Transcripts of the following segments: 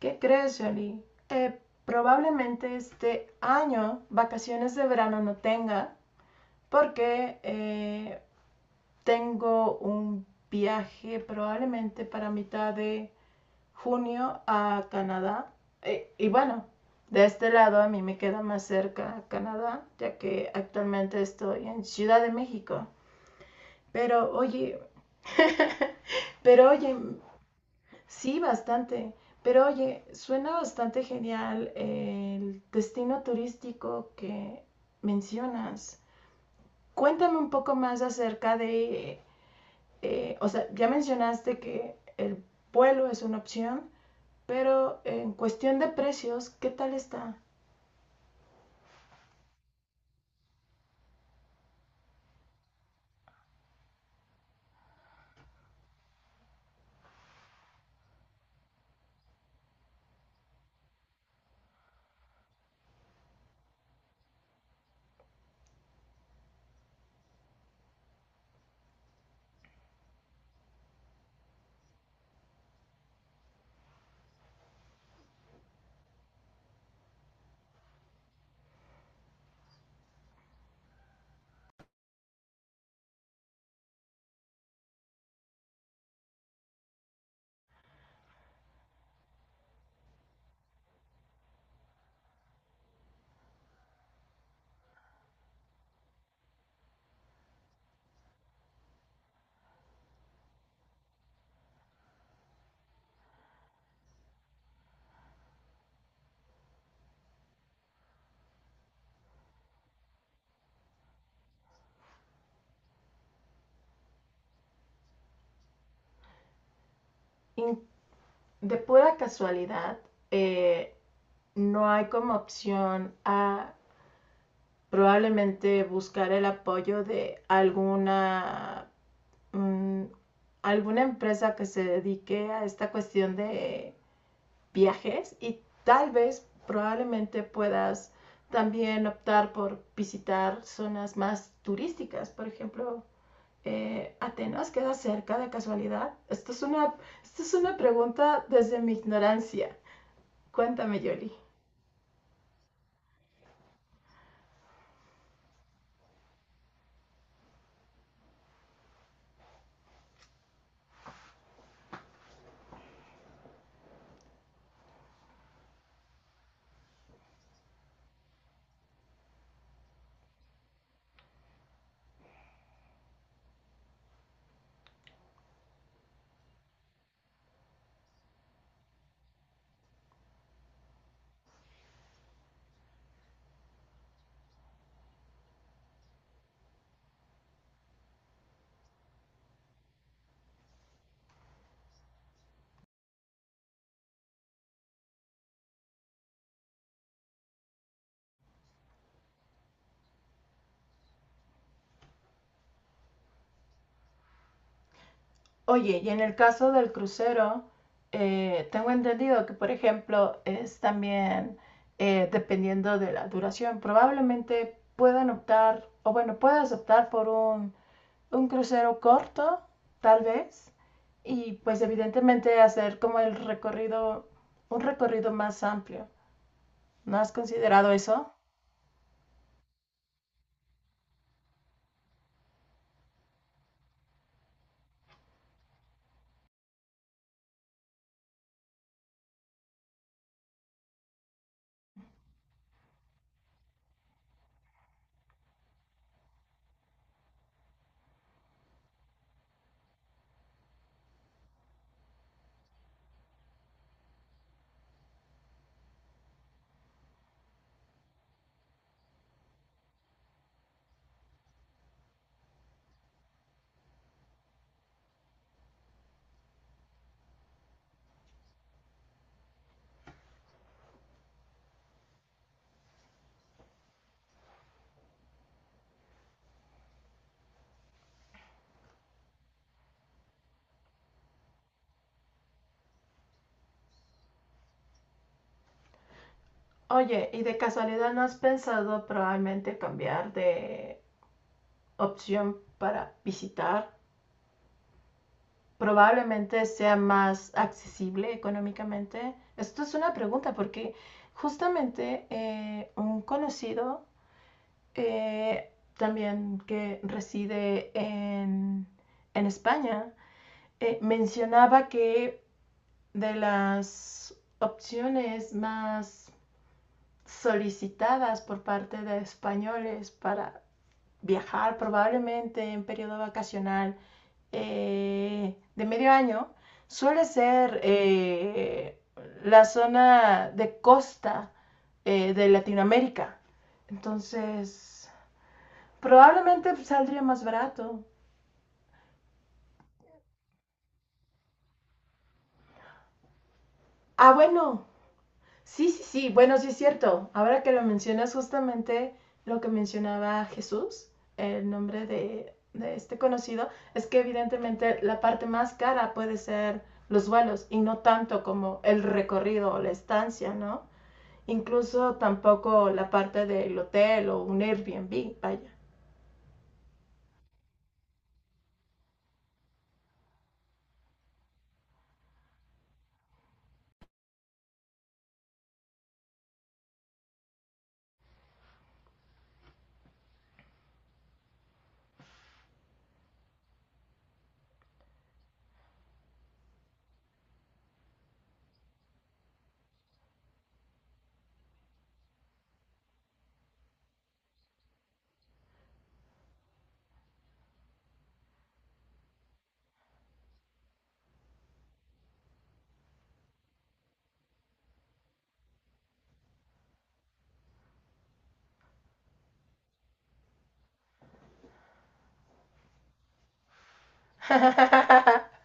¿Qué crees, Jolie? Eh, Probablemente este año vacaciones de verano no tenga porque tengo un viaje probablemente para mitad de junio a Canadá. Y bueno, de este lado a mí me queda más cerca Canadá, ya que actualmente estoy en Ciudad de México. Pero oye, pero oye, sí, bastante. Pero oye, suena bastante genial el destino turístico que mencionas. Cuéntame un poco más acerca de, o sea, ya mencionaste que el vuelo es una opción, pero en cuestión de precios, ¿qué tal está? In- de pura casualidad, eh, ¿no hay como opción a probablemente buscar el apoyo de alguna mm, alguna empresa que se dedique a esta cuestión de viajes y tal vez probablemente puedas también optar por visitar zonas más turísticas? Por ejemplo, ¿Atenas queda cerca de casualidad? Esto es una pregunta desde mi ignorancia. Cuéntame, Yoli. Oye, y en el caso del crucero, tengo entendido que, por ejemplo, es también dependiendo de la duración, probablemente puedan optar, o bueno, puedas optar por un crucero corto, tal vez, y pues evidentemente hacer como el recorrido, un recorrido más amplio. ¿No has considerado eso? Oye, ¿y de casualidad no has pensado probablemente cambiar de opción para visitar probablemente sea más accesible económicamente? Esto es una pregunta porque justamente un conocido eh, también que reside en, España mencionaba que de las opciones más solicitadas por parte de españoles para viajar probablemente en periodo vacacional de medio año, suele ser la zona de costa de Latinoamérica. Entonces, probablemente saldría más barato. Ah, bueno, sí, sí, sí, bueno, sí es cierto. Ahora que lo mencionas, justamente lo que mencionaba Jesús, el nombre de este conocido, es que evidentemente la parte más cara puede ser los vuelos y no tanto como el recorrido o la estancia, ¿no? Incluso tampoco la parte del hotel o un Airbnb, vaya.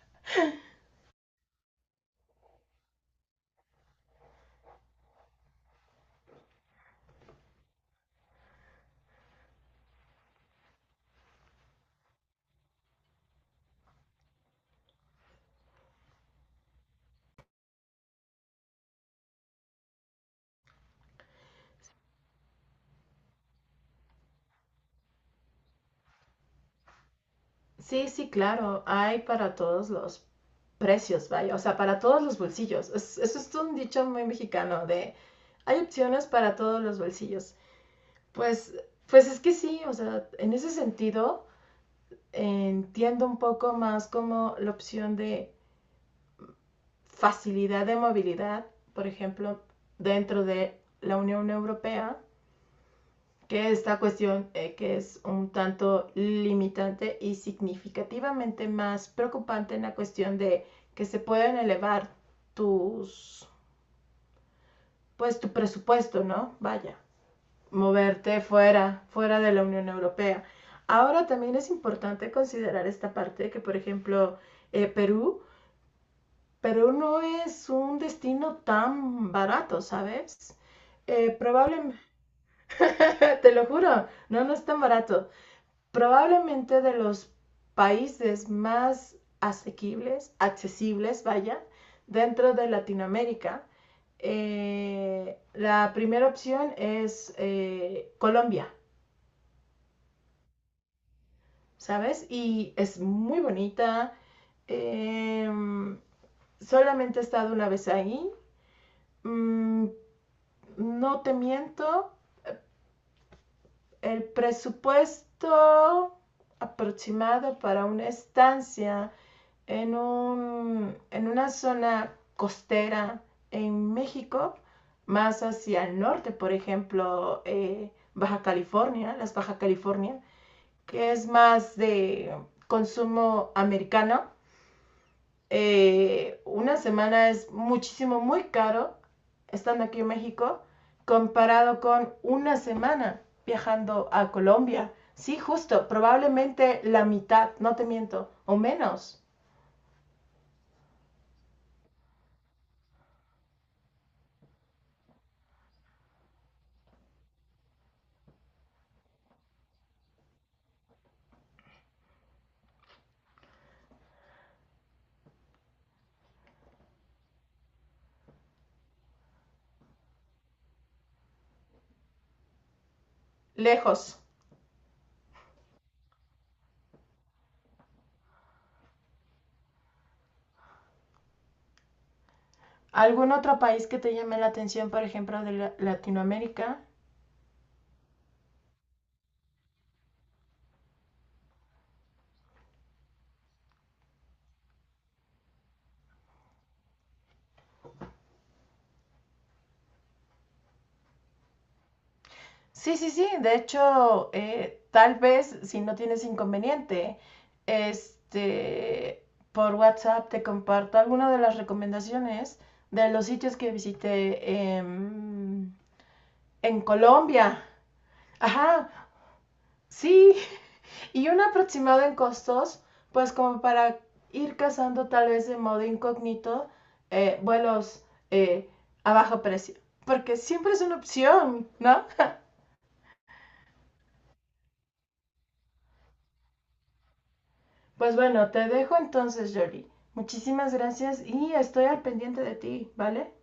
Sí, sí, claro, hay para todos los precios, vaya, o sea, para todos los bolsillos. Eso es un dicho muy mexicano de hay opciones para todos los bolsillos. Pues, pues, es que sí, o sea, en ese sentido entiendo un poco más como la opción de facilidad de movilidad, por ejemplo, dentro de la Unión Europea, que esta cuestión que es un tanto limitante y significativamente más preocupante en la cuestión de que se pueden elevar tus, pues tu presupuesto, ¿no? Vaya, moverte fuera, de la Unión Europea. Ahora también es importante considerar esta parte que, por ejemplo, eh, Perú, Perú no es un destino tan barato, ¿sabes? Probablemente, te lo juro, no, no es tan barato. Probablemente de los países más asequibles, accesibles, vaya, dentro de Latinoamérica. La primera opción es Colombia, ¿sabes? Y es muy bonita. Eh, Solamente he estado una vez ahí. Mm, no te miento, el presupuesto aproximado para una estancia en una zona costera en México, más hacia el norte, por ejemplo, Baja California, las Baja California, que es más de consumo americano. Una semana es muchísimo, muy caro, estando aquí en México, comparado con una semana viajando a Colombia. Sí, justo, probablemente la mitad, no te miento, o menos, lejos. ¿Algún otro país que te llame la atención, por ejemplo, de Latinoamérica? Sí, sí, sí. De hecho, tal vez, si no tienes inconveniente, este, por WhatsApp te comparto alguna de las recomendaciones de los sitios que visité en Colombia. Ajá, sí, y un aproximado en costos, pues como para ir cazando tal vez de modo incógnito vuelos eh, a bajo precio, porque siempre es una opción, ¿no? Pues bueno, te dejo entonces, Jolie. Muchísimas gracias y estoy al pendiente de ti, ¿vale?